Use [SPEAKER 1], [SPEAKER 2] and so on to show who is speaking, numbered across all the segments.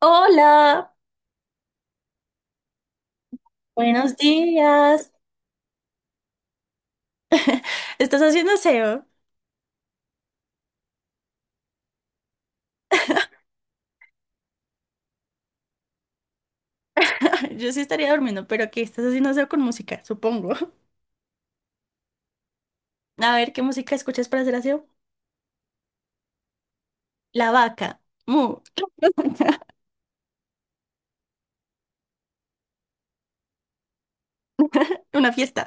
[SPEAKER 1] Hola, buenos días. ¿Estás haciendo aseo? Yo sí estaría durmiendo, pero ¿qué estás haciendo aseo con música? Supongo. A ver, ¿qué música escuchas para hacer aseo? La vaca. Mu. Una fiesta.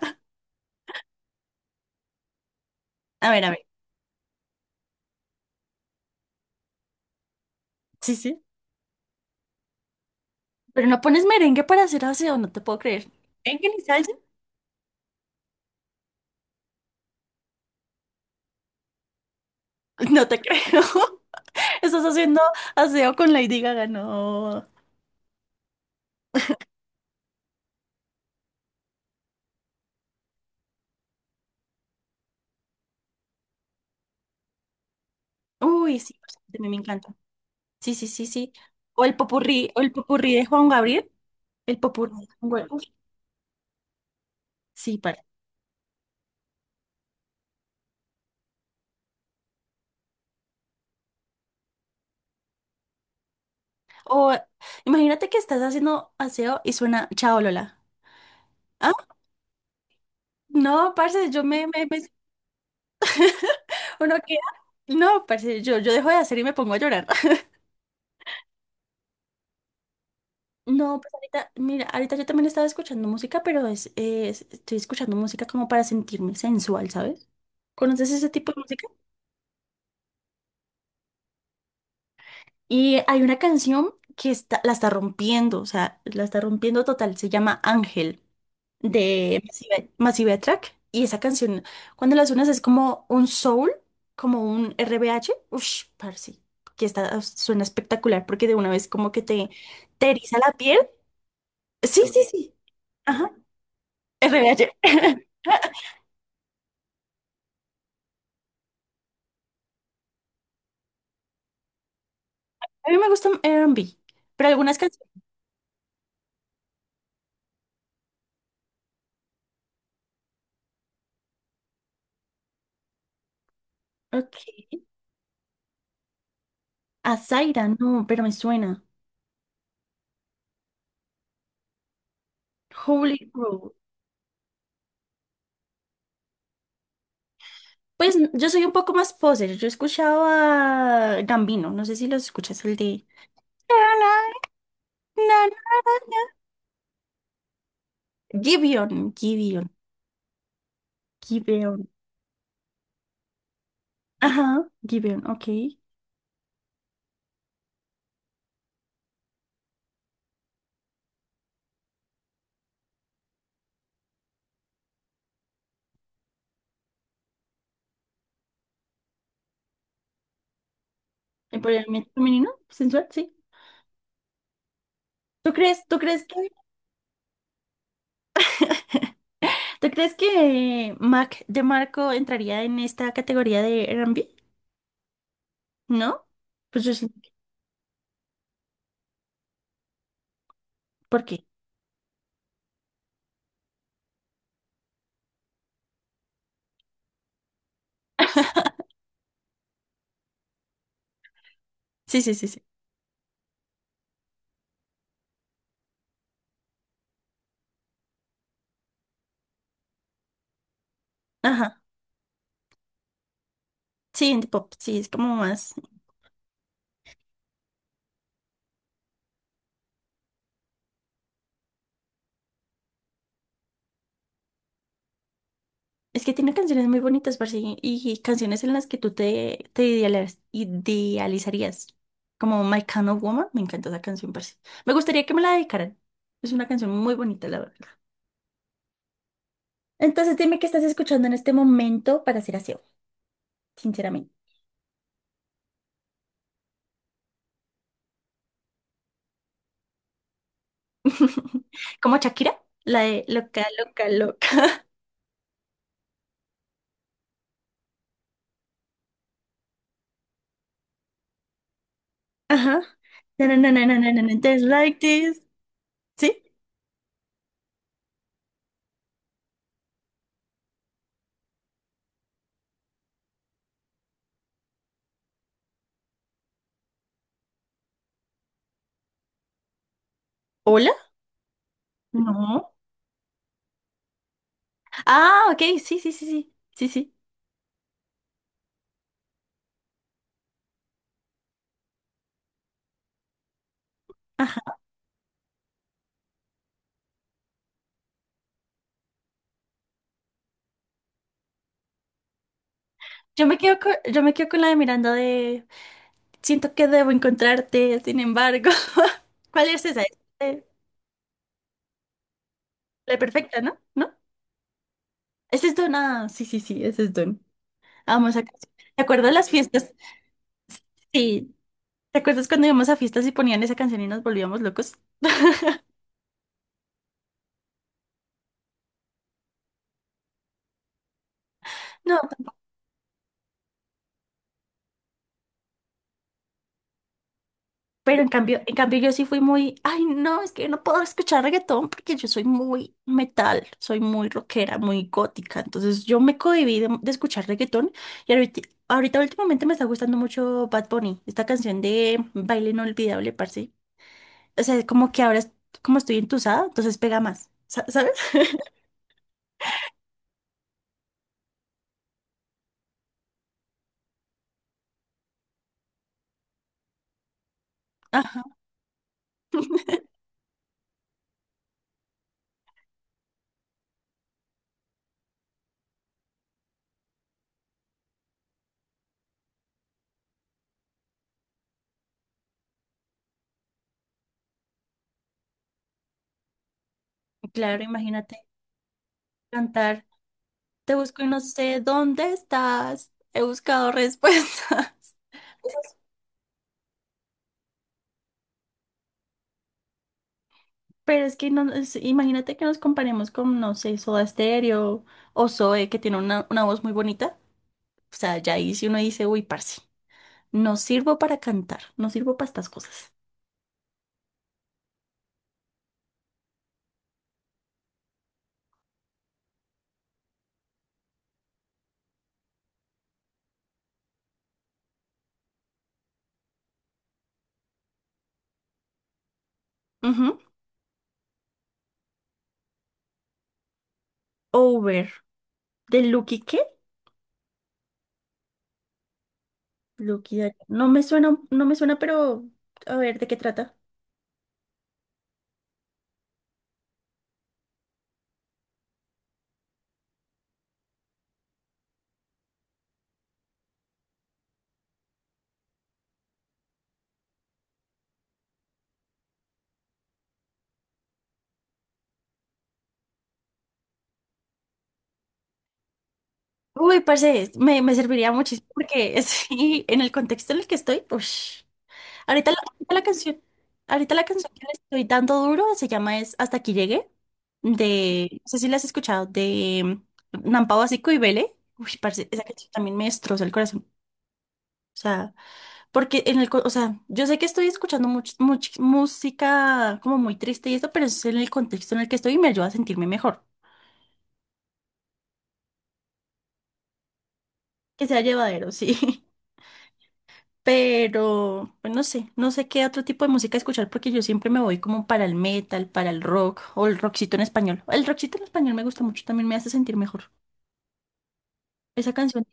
[SPEAKER 1] A ver, a ver. Sí, sí. Pero no pones merengue para hacer aseo, no te puedo creer. ¿Merengue ni salsa? No te creo. Estás haciendo aseo con Lady Gaga, no. Uy, sí, a mí me encanta. Sí, sí, sí, sí. O el popurrí de Juan Gabriel. El popurrí de Juan Gabriel. Uf, sí. O imagínate que estás haciendo aseo y suena Chao Lola. Ah, no, parce, yo me, me, me- uno queda. No, parce, yo dejo de hacer y me pongo a llorar. No, pues ahorita, mira, ahorita yo también estaba escuchando música, pero estoy escuchando música como para sentirme sensual, ¿sabes? ¿Conoces ese tipo de música? Y hay una canción que está, la está rompiendo, o sea, la está rompiendo total, se llama Ángel. De Massive Attack. Y esa canción, cuando las suenas es como un soul, como un RBH. Ush, parce, que está, suena espectacular porque de una vez como que te eriza la piel. Sí, sí, sí. Ajá, RBH. A mí me gusta R&B, pero algunas canciones. Ok. A Zaira, no, pero me suena. Holy Road. Pues yo soy un poco más poser. Yo escuchaba Gambino, no sé si lo escuchas, el de. Gibeon, Gibeon, Gibeon. Ajá, Gibeon, ok. Empoderamiento femenino, sensual, sí. ¿Tú crees, tú crees que, tú crees que Mac de Marco entraría en esta categoría de R&B? ¿No? Pues yo sí. ¿Por qué? Sí, sí, sí, sí. Ajá. Sí, indie pop, sí, es como más. Es que tiene canciones muy bonitas, parce, y canciones en las que tú te idealizarías. Como My Kind of Woman, me encanta esa canción, parce. Me gustaría que me la dedicaran. Es una canción muy bonita, la verdad. Entonces dime qué estás escuchando en este momento para ser aseo, sinceramente. Como Shakira, la de loca, loca, loca. Ajá. No, no, no, no, no, no, no, no, just like this. ¿Sí? ¿Hola? No. Ah, ok, sí, sí, sí, sí, sí, sí. Ajá. Yo me quedo con la de Miranda de siento que debo encontrarte, sin embargo. ¿Cuál es esa? De- La perfecta, ¿no? ¿No? Ese es Don. Ah, sí, sí, sí, ese es Don. Vamos a... ¿Te acuerdas las fiestas? Sí, ¿te acuerdas cuando íbamos a fiestas y ponían esa canción y nos volvíamos locos? No, pero en cambio yo sí fui muy, ay, no, es que yo no puedo escuchar reggaetón porque yo soy muy metal, soy muy rockera, muy gótica, entonces yo me cohibí de escuchar reggaetón y ahorita últimamente me está gustando mucho Bad Bunny, esta canción de Baile Inolvidable, parce. O sea, como que ahora como estoy entusada, entonces pega más, ¿sabes? Ajá. Claro, imagínate cantar. Te busco y no sé dónde estás. He buscado respuestas. Pero es que no, imagínate que nos comparemos con, no sé, Soda Stereo o Zoe, que tiene una voz muy bonita. O sea, ya ahí si uno dice, uy, parce, no sirvo para cantar, no sirvo para estas cosas. Ujú. Over. ¿De Lucky qué? Lucky, Daria. No me suena, no me suena, pero a ver, ¿de qué trata? Uy, parce, me serviría muchísimo porque sí, en el contexto en el que estoy, ush. Ahorita la, ahorita la canción, ahorita la canción que le estoy dando duro se llama es Hasta aquí llegué, de, no sé si la has escuchado, de Nampa Básico y Vele. Uy, parce, esa canción también me destroza el corazón. O sea, porque o sea, yo sé que estoy escuchando música como muy triste y esto, pero es en el contexto en el que estoy y me ayuda a sentirme mejor. Que sea llevadero, sí. Pero, pues no sé, qué otro tipo de música escuchar porque yo siempre me voy como para el metal, para el rock o el rockcito en español. El rockcito en español me gusta mucho, también me hace sentir mejor. Esa canción,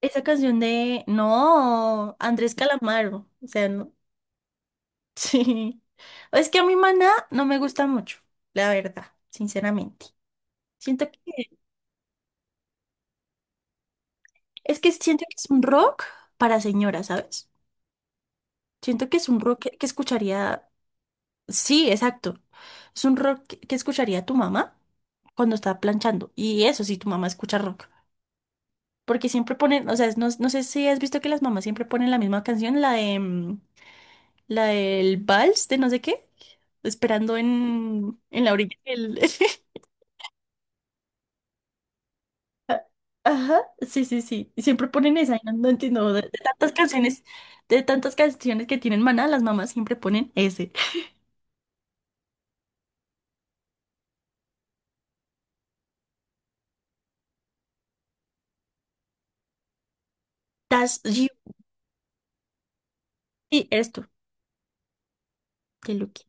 [SPEAKER 1] esa canción de, no, Andrés Calamaro, o sea, no, sí. Es que a mi maná no me gusta mucho, la verdad, sinceramente. Siento que, es que siento que es un rock para señoras, ¿sabes? Siento que es un rock que escucharía. Sí, exacto. Es un rock que escucharía tu mamá cuando está planchando. Y eso sí, tu mamá escucha rock. Porque siempre ponen, o sea, no, no sé si has visto que las mamás siempre ponen la misma canción, la de la del vals de no sé qué, esperando en la orilla del- Ah, ajá, sí, sí, sí. Y siempre ponen esa, y no entiendo. De tantas canciones, de tantas canciones, que tienen Maná, las mamás siempre ponen ese. That's you. Y esto, que Lucky.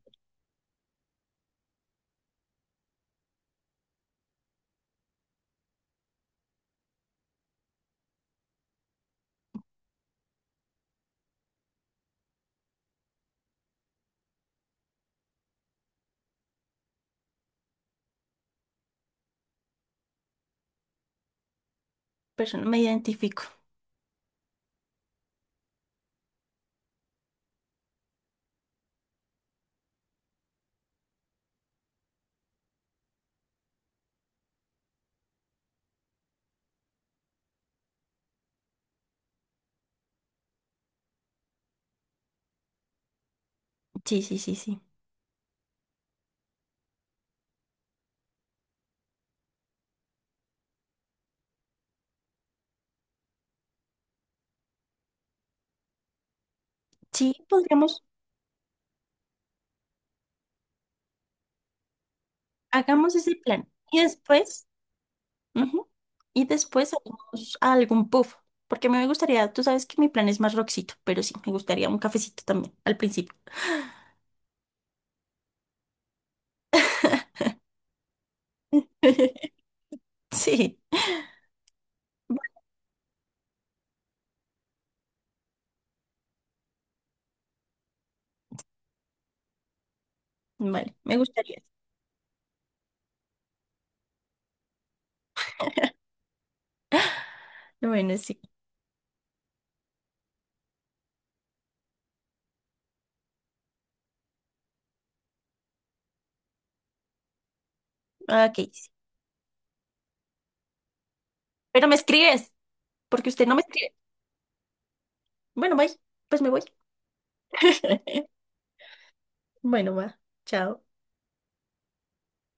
[SPEAKER 1] Persona, me identifico. Sí, sí, sí, sí. Sí, podríamos, hagamos ese plan. Y después, ujú, y después salimos a algún puff. Porque me gustaría, tú sabes que mi plan es más rockcito, pero sí, me gustaría un cafecito también, al principio. Sí, vale, me gustaría. Bueno, sí. Ah, ok, sí. Pero me escribes, porque usted no me escribe. Bueno, bye, pues me voy. Bueno, va. Chao.